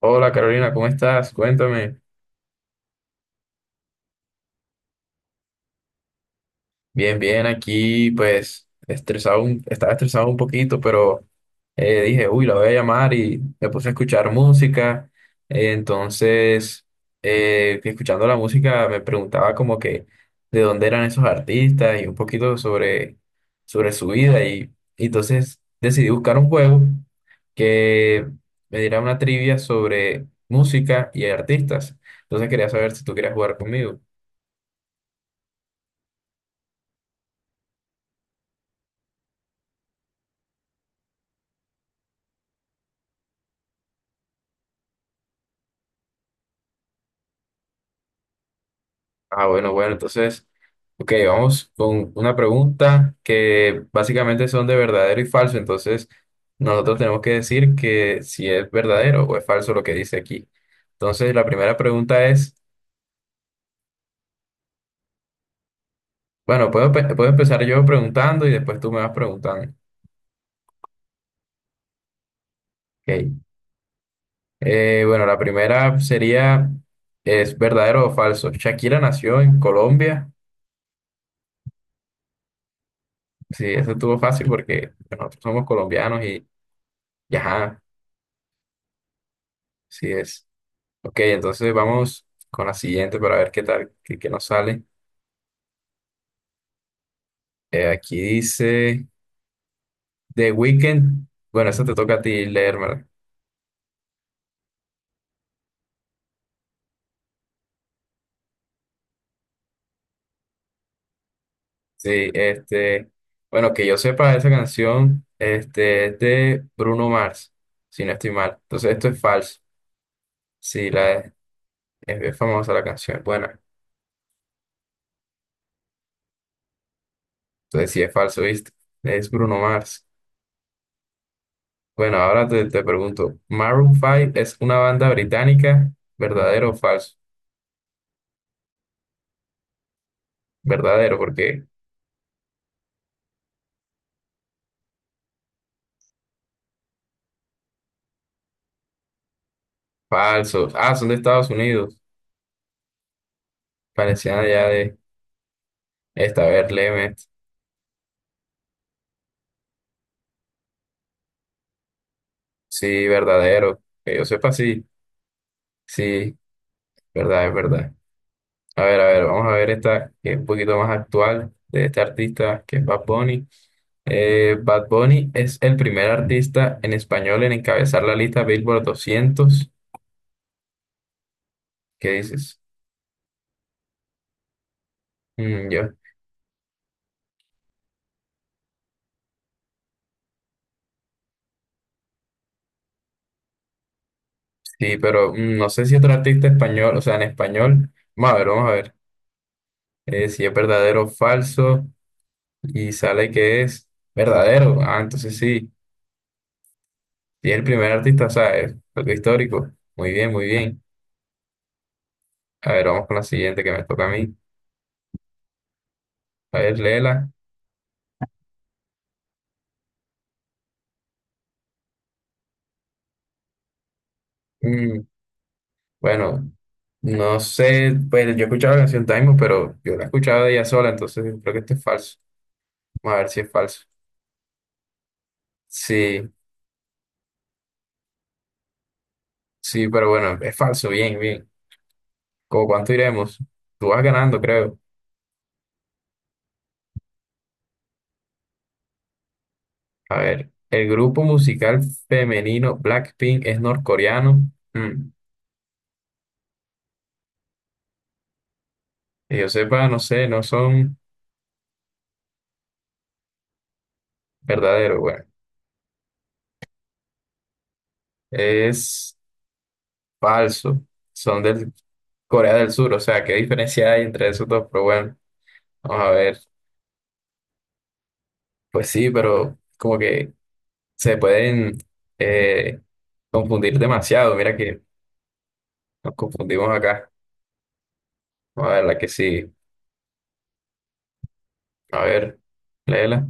Hola Carolina, ¿cómo estás? Cuéntame. Bien, bien, aquí pues estresado, estaba estresado un poquito, pero dije, uy, la voy a llamar y me puse a escuchar música. Entonces, que escuchando la música me preguntaba como que de dónde eran esos artistas y un poquito sobre su vida. Y entonces decidí buscar un juego que me diera una trivia sobre música y artistas. Entonces quería saber si tú querías jugar conmigo. Ah, bueno, entonces, ok, vamos con una pregunta que básicamente son de verdadero y falso, entonces nosotros tenemos que decir que si es verdadero o es falso lo que dice aquí. Entonces, la primera pregunta es, bueno, puedo empezar yo preguntando y después tú me vas preguntando. Ok, bueno, la primera sería, ¿es verdadero o falso? Shakira nació en Colombia, sí, eso estuvo fácil porque nosotros somos colombianos y ajá, sí es. Ok, entonces vamos con la siguiente para ver qué tal, qué nos sale. Aquí dice The Weeknd. Bueno, esa te toca a ti leérmela. Sí, este, bueno, que yo sepa, esa canción este, es de Bruno Mars, si no estoy mal. Entonces esto es falso. Sí, la, es, es famosa la canción, es buena. Entonces sí es falso, ¿viste? Es Bruno Mars. Bueno, ahora te pregunto, ¿Maroon 5 es una banda británica? ¿Verdadero o falso? Verdadero, porque... Falsos. Ah, son de Estados Unidos. Parecían allá de esta, a ver, léeme. Sí, verdadero. Que yo sepa, sí. Sí, verdad, es verdad. A ver, vamos a ver esta que es un poquito más actual de este artista que es Bad Bunny. Bad Bunny es el primer artista en español en encabezar la lista Billboard 200. ¿Qué dices? Mm, yo, sí, pero mm, no sé si otro artista español, o sea, en español. Vamos a ver, vamos a ver. Si es verdadero o falso. Y sale que es verdadero. Ah, entonces sí, y es el primer artista, o sea, es algo histórico. Muy bien, muy bien. A ver, vamos con la siguiente que me toca a mí. A ver, léela. Mm, bueno, no sé, pues yo he escuchado la canción Taimo, pero yo la he escuchado de ella sola, entonces creo que esto es falso. Vamos a ver si es falso. Sí, sí, pero bueno, es falso, bien, bien. ¿Cómo cuánto iremos? Tú vas ganando, creo. A ver, el grupo musical femenino Blackpink es norcoreano. Mm, que yo sepa, no sé, no son verdaderos, bueno, es falso, son del Corea del Sur, o sea, ¿qué diferencia hay entre esos dos? Pero bueno, vamos a ver, pues sí, pero como que se pueden eh, confundir demasiado, mira que nos confundimos acá, vamos a ver la que sigue, a ver, léela,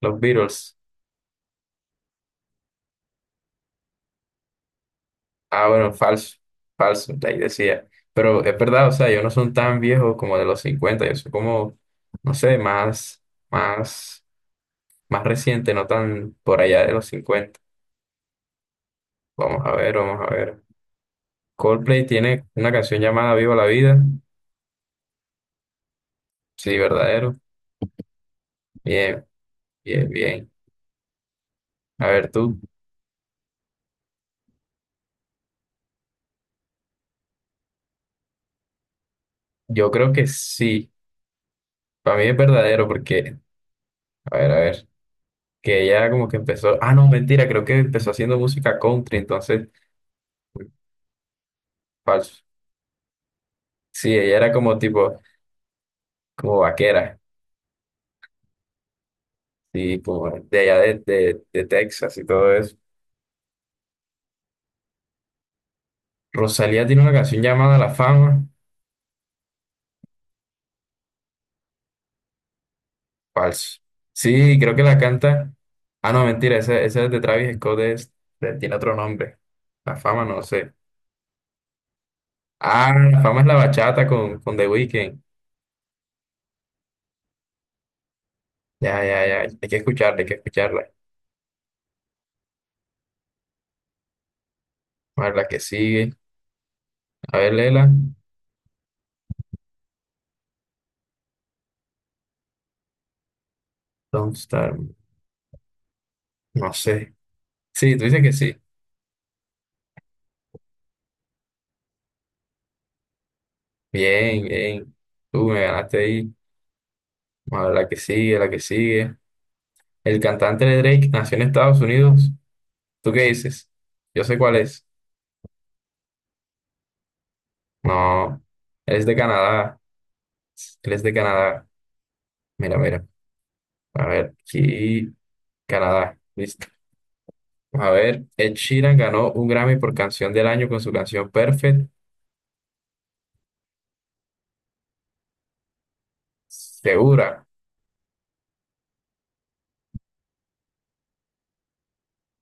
los Beatles, ah, bueno, falso, falso, ahí decía, pero es verdad, o sea, ellos no son tan viejos como de los 50 yo soy como, no sé, más. Más reciente, no tan por allá de los 50. Vamos a ver, vamos a ver. Coldplay tiene una canción llamada Viva la Vida. Sí, verdadero. Bien, bien, bien. A ver, tú, yo creo que sí. Para mí es verdadero porque, a ver, que ella como que empezó, ah, no, mentira, creo que empezó haciendo música country, entonces, falso. Sí, ella era como tipo, como vaquera, sí, como de allá de Texas y todo eso. Rosalía tiene una canción llamada La Fama. Falso. Sí, creo que la canta. Ah, no, mentira, esa es de Travis Scott, tiene otro nombre. La fama, no sé. Ah, la fama es la bachata con The Weeknd. Ya, ya, ya. Hay que escucharla, hay que escucharla. A ver, la que sigue. A ver, Lela. Don't Start Me. No sé. Sí, tú dices que sí. Bien, bien. Tú me ganaste ahí. A ver, la que sigue, la que sigue. El cantante de Drake nació en Estados Unidos. ¿Tú qué dices? Yo sé cuál es. No, él es de Canadá. Él es de Canadá. Mira, mira. A ver, aquí, Canadá. Listo. A ver, Ed Sheeran ganó un Grammy por canción del año con su canción Perfect. Segura.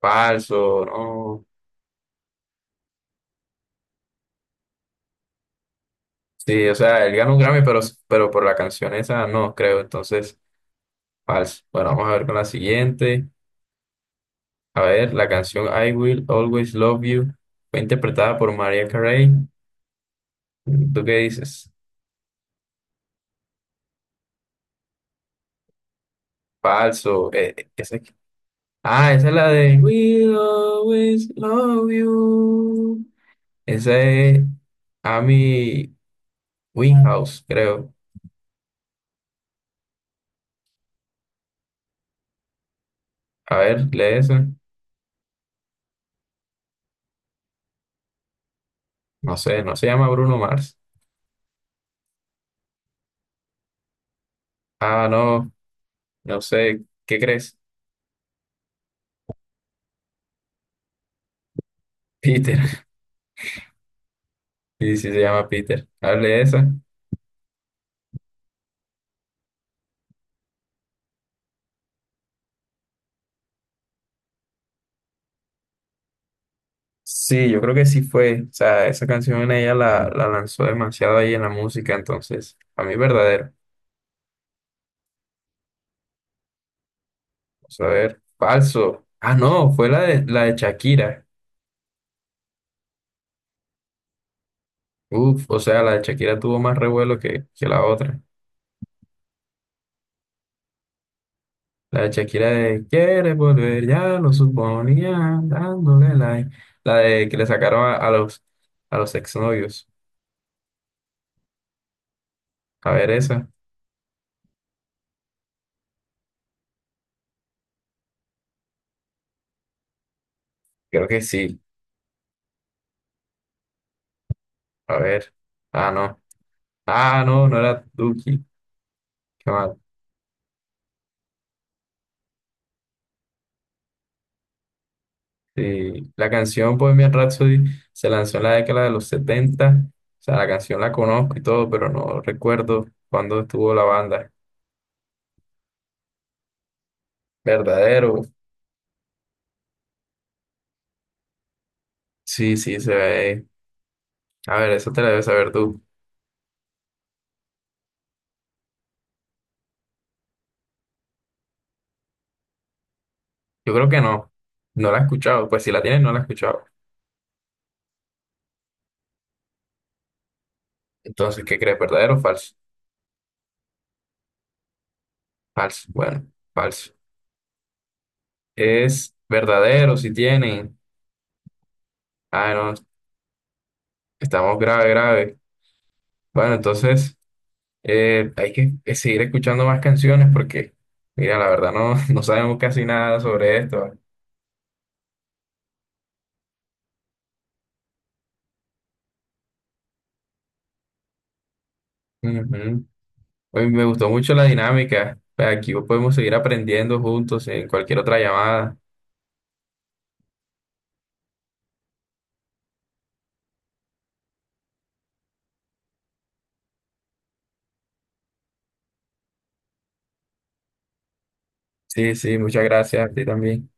Falso, no. Sí, o sea, él ganó un Grammy, pero por la canción esa no, creo. Entonces, falso. Bueno, vamos a ver con la siguiente. A ver, la canción I Will Always Love You fue interpretada por Mariah Carey. ¿Tú qué dices? Falso. Esa... Ah, esa es la de We'll always love you. Esa es Amy Winehouse, creo. A ver, lee esa. No sé, no se llama Bruno Mars. Ah, no, no sé. ¿Qué crees? Peter. Sí, sí se llama Peter. A ver, lee esa. Sí, yo creo que sí fue. O sea, esa canción ella la lanzó demasiado ahí en la música, entonces, a mí verdadero. Vamos a ver, falso. Ah, no, fue la la de Shakira. Uf, o sea, la de Shakira tuvo más revuelo que la otra. La de Shakira de quiere volver, ya lo suponía, dándole like. La de que le sacaron a los exnovios. A ver esa. Creo que sí. A ver. Ah, no. Ah, no era Duki. Qué mal. Sí. La canción pues, Bohemian Rhapsody se lanzó en la década de los 70. O sea, la canción la conozco y todo, pero no recuerdo cuándo estuvo la banda. Verdadero. Sí, sí, se ve. A ver, eso te la debes saber tú. Yo creo que no. No la he escuchado. Pues si la tienes, no la he escuchado. Entonces, ¿qué crees? ¿Verdadero o falso? Falso. Bueno, falso. Es verdadero si tienen. Ah, no. Estamos grave, grave. Bueno, entonces hay que seguir escuchando más canciones porque, mira, la verdad no, no sabemos casi nada sobre esto. Ujú. Oye, me gustó mucho la dinámica. Pues, aquí podemos seguir aprendiendo juntos en cualquier otra llamada. Sí, sí, muchas gracias a ti también.